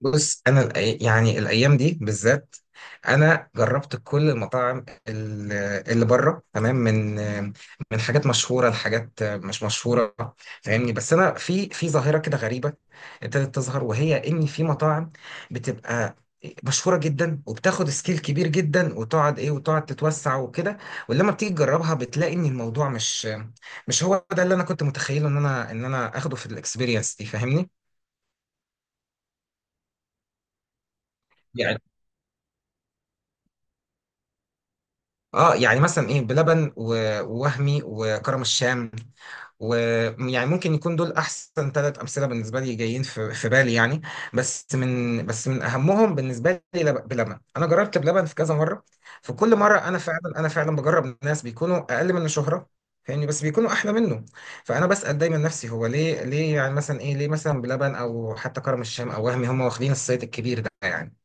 بص انا يعني الايام دي بالذات. انا جربت كل المطاعم اللي بره، تمام، من حاجات مشهوره لحاجات مش مشهوره، فاهمني. بس انا في ظاهره كده غريبه ابتدت تظهر، وهي ان في مطاعم بتبقى مشهوره جدا وبتاخد سكيل كبير جدا، وتقعد ايه وتقعد تتوسع وكده، ولما بتيجي تجربها بتلاقي ان الموضوع مش هو ده اللي انا كنت متخيله ان انا اخده في الاكسبيرينس دي، فاهمني. اه، يعني مثلا ايه بلبن ووهمي وكرم الشام، ويعني ممكن يكون دول احسن ثلاث امثله بالنسبه لي جايين في بالي يعني. بس من اهمهم بالنسبه لي بلبن، انا جربت بلبن في كذا مره. في كل مره انا فعلا بجرب ناس بيكونوا اقل منه شهره، فاهمني، بس بيكونوا احلى منه. فانا بسال دايما نفسي، هو ليه يعني مثلا ايه، ليه مثلا بلبن او حتى كرم الشام او وهمي هم واخدين الصيت الكبير ده يعني.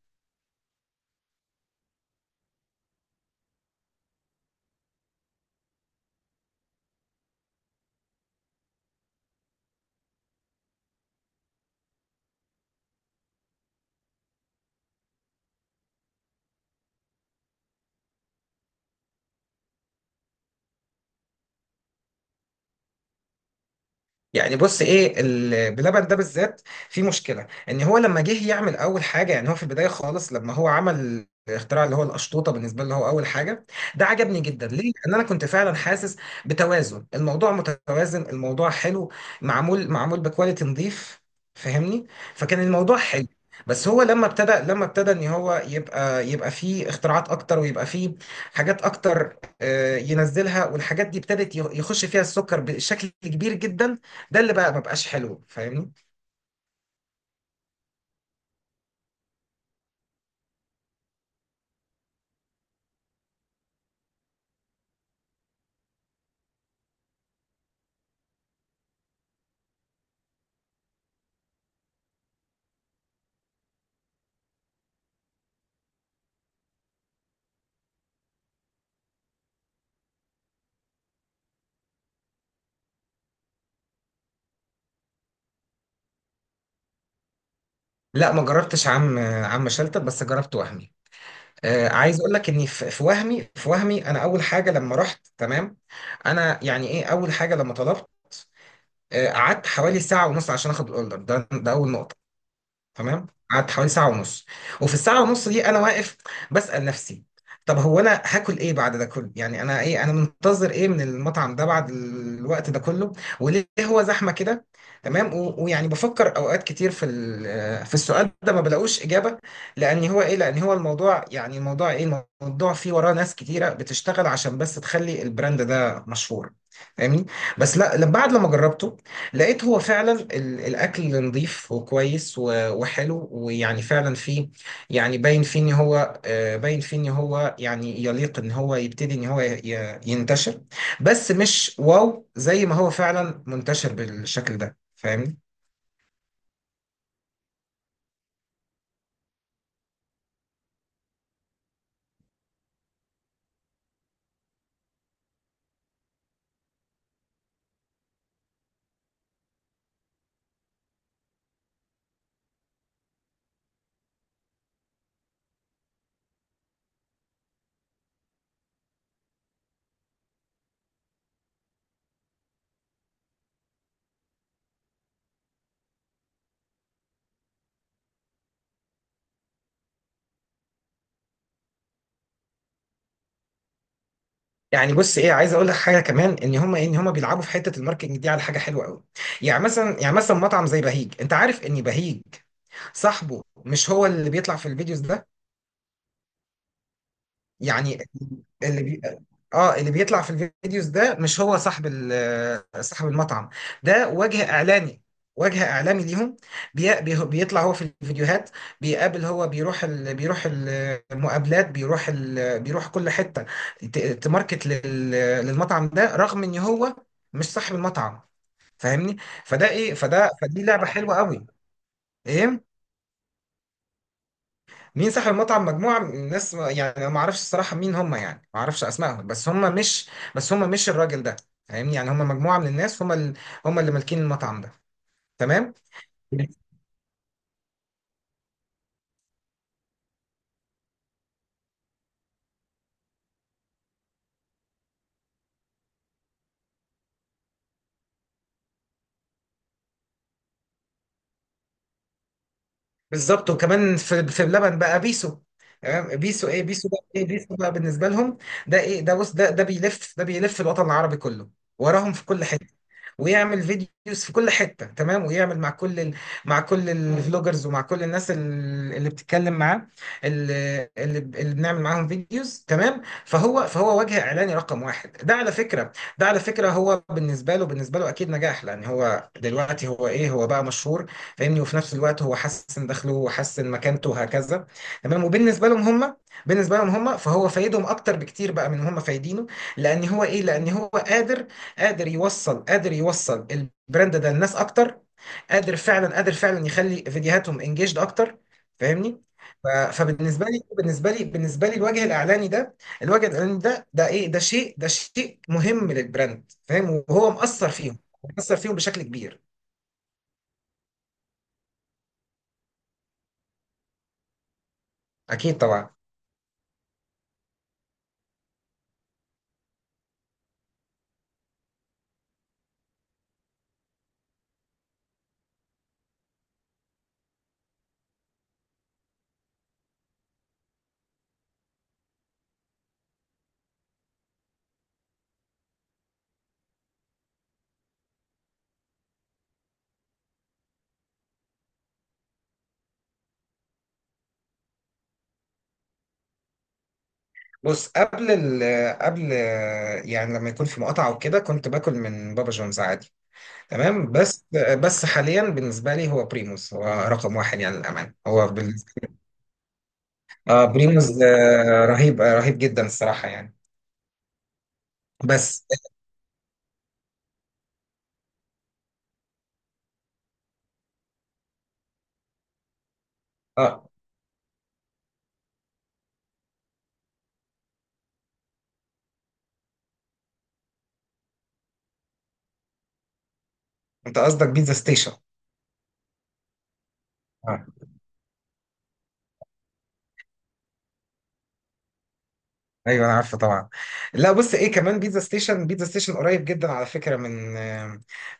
يعني بص ايه، بلبن ده بالذات في مشكله، ان هو لما جه يعمل اول حاجه، يعني هو في البدايه خالص لما هو عمل الاختراع اللي هو القشطوطه، بالنسبه له هو اول حاجه. ده عجبني جدا. ليه؟ لان انا كنت فعلا حاسس بتوازن الموضوع، متوازن، الموضوع حلو، معمول بكواليتي نظيف، فاهمني؟ فكان الموضوع حلو. بس هو لما ابتدى ان هو يبقى فيه اختراعات اكتر ويبقى فيه حاجات اكتر، ينزلها، والحاجات دي ابتدت يخش فيها السكر بشكل كبير جدا. ده اللي بقى مبقاش حلو، فاهمني. لا، ما جربتش عم شلتت، بس جربت وهمي. عايز اقول لك اني في وهمي انا اول حاجه لما رحت، تمام، انا يعني ايه، اول حاجه لما طلبت، قعدت حوالي ساعة ونص عشان اخد الاوردر ده اول نقطة. تمام، قعدت حوالي ساعة ونص، وفي الساعة ونص دي أنا واقف بسأل نفسي، طب هو أنا هاكل إيه بعد ده كله؟ يعني أنا إيه، أنا منتظر إيه من المطعم ده بعد الوقت ده كله؟ وليه هو زحمة كده؟ تمام، ويعني بفكر أوقات كتير في في السؤال ده، ما بلاقوش إجابة. لأن هو إيه؟ لأن هو الموضوع، يعني الموضوع إيه؟ الموضوع فيه وراه ناس كتيرة بتشتغل عشان بس تخلي البراند ده مشهور، فاهمني؟ بس لا، بعد لما جربته لقيت هو فعلا الاكل نظيف وكويس وحلو، ويعني فعلا فيه، يعني باين فيه ان هو، باين فيه ان هو يعني يليق ان هو يبتدي ان هو ينتشر، بس مش واو زي ما هو فعلا منتشر بالشكل ده، فاهمني. يعني بص ايه، عايز اقول لك حاجه كمان، ان هم بيلعبوا في حته الماركتنج دي على حاجه حلوه قوي. يعني مثلا مطعم زي بهيج، انت عارف ان بهيج صاحبه مش هو اللي بيطلع في الفيديوز ده. يعني اللي اه، اللي بيطلع في الفيديوز ده مش هو صاحب صاحب المطعم. ده وجه اعلاني، وجه اعلامي ليهم. بيطلع هو في الفيديوهات، بيقابل، هو بيروح بيروح المقابلات، بيروح بيروح كل حتة، تماركت للمطعم ده، رغم ان هو مش صاحب المطعم، فاهمني. فده ايه فده فدي لعبة حلوة قوي. ايه، مين صاحب المطعم؟ مجموعة من الناس، يعني أنا ما اعرفش الصراحة مين هم، يعني ما اعرفش اسمائهم، بس هم مش الراجل ده، فاهمني. يعني هم مجموعة من الناس، هم هم اللي مالكين المطعم ده، تمام، بالظبط. وكمان في اللبن بقى بيسو، تمام. بيسو ايه، بيسو ده ايه، بيسو بقى بالنسبه لهم ده ايه، ده بص، ده بيلف، ده بيلف الوطن العربي كله، وراهم في كل حته، ويعمل فيديوز في كل حته، تمام، ويعمل مع كل مع كل الفلوجرز، ومع كل الناس اللي بتتكلم معاه، اللي بنعمل معاهم فيديوز، تمام. فهو وجه اعلاني رقم واحد ده، على فكره. ده على فكره، هو بالنسبه له اكيد نجاح، لان هو دلوقتي هو ايه، هو بقى مشهور، فاهمني. وفي نفس الوقت هو حسن دخله وحسن مكانته وهكذا، تمام. وبالنسبه لهم هم فهو فايدهم اكتر بكتير بقى من هم فايدينه، لان هو ايه، لان هو قادر يوصل البراند ده للناس اكتر، قادر فعلا يخلي فيديوهاتهم انجيجد اكتر، فاهمني. فبالنسبه لي الوجه الاعلاني ده، الوجه الاعلاني ده، ده ايه ده شيء ده شيء مهم للبراند، فاهم. وهو مأثر فيهم بشكل كبير. اكيد طبعا. بص قبل ال قبل يعني لما يكون في مقاطعة وكده كنت باكل من بابا جونز عادي، تمام. بس حاليا بالنسبة لي هو بريموس، هو رقم واحد، يعني للأمانة، هو بالنسبة. بريموس، رهيب، رهيب جدا الصراحة يعني. بس اه انت قصدك بيتزا ستيشن؟ آه. ايوه، انا عارفه طبعا. لا، بص ايه، كمان بيتزا ستيشن قريب جدا على فكره من،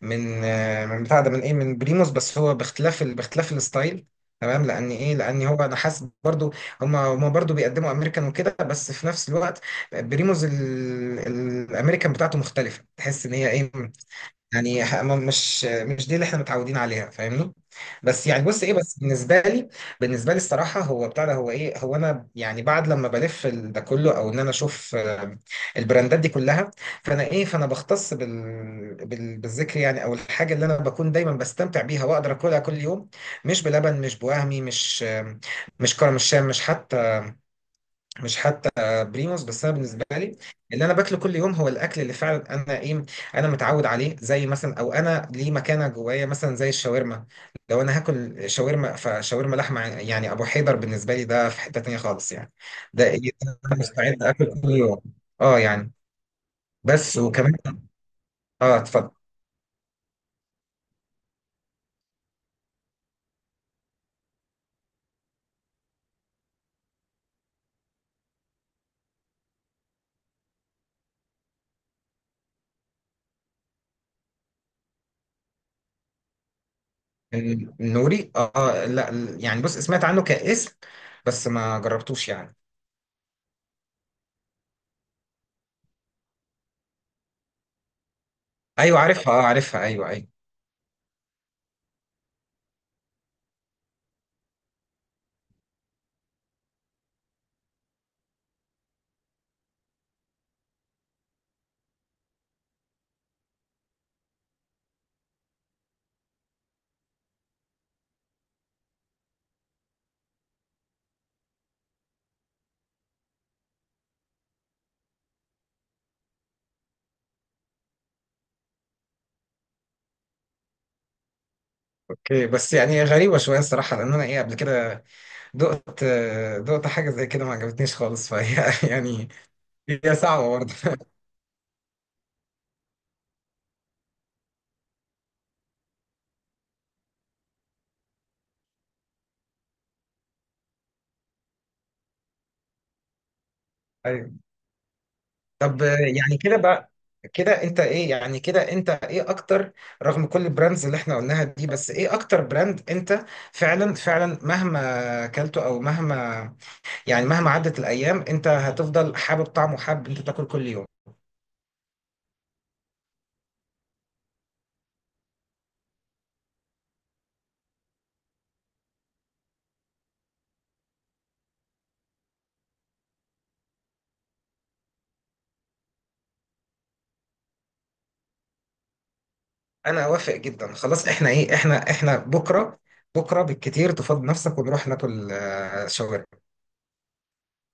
من من بتاع ده، من ايه، من بريموس، بس هو باختلاف الستايل، تمام. لان ايه، لان هو انا حاسس برضو هم برضو بيقدموا امريكان وكده، بس في نفس الوقت بريموس الامريكان بتاعته مختلفه، تحس ان هي ايه، يعني مش دي اللي احنا متعودين عليها، فاهمني. بس يعني بص ايه، بس بالنسبه لي الصراحه، هو بتاع ده، هو ايه، هو انا، يعني بعد لما بلف ده كله، او ان انا اشوف البراندات دي كلها، فانا ايه، فانا بختص بالذكر، يعني، او الحاجه اللي انا بكون دايما بستمتع بيها واقدر اكلها كل يوم. مش بلبن، مش بوهمي، مش مش كرم الشام، مش حتى بريموس. بس انا بالنسبه لي اللي انا باكله كل يوم هو الاكل اللي فعلا انا ايه، انا متعود عليه، زي مثلا، او انا ليه مكانه جوايا، مثلا زي الشاورما. لو انا هاكل شاورما، فشاورما لحمه يعني ابو حيدر بالنسبه لي، ده في حته تانيه خالص يعني. ده ايه، ده انا مستعد اكل كل يوم. اه يعني، بس وكمان. اه، اتفضل. النوري، اه لا، يعني بص، سمعت عنه كاسم بس ما جربتوش يعني. ايوه، عارفها، اه عارفها، ايوه، ايوه. اوكي، بس يعني غريبه شويه الصراحه، لان انا ايه، قبل كده دقت دقت حاجة زي كده ما عجبتنيش خالص، فهي يعني، هي صعبة برضه. أيوة. طب يعني كده بقى، كده انت ايه اكتر، رغم كل البراندز اللي احنا قلناها دي، بس ايه اكتر براند انت فعلا مهما اكلته، او مهما، يعني مهما عدت الايام انت هتفضل حابب طعمه، حابب انت تاكل كل يوم. انا اوافق جدا، خلاص. احنا ايه، احنا بكرة بالكتير تفضي نفسك ونروح ناكل شاورما.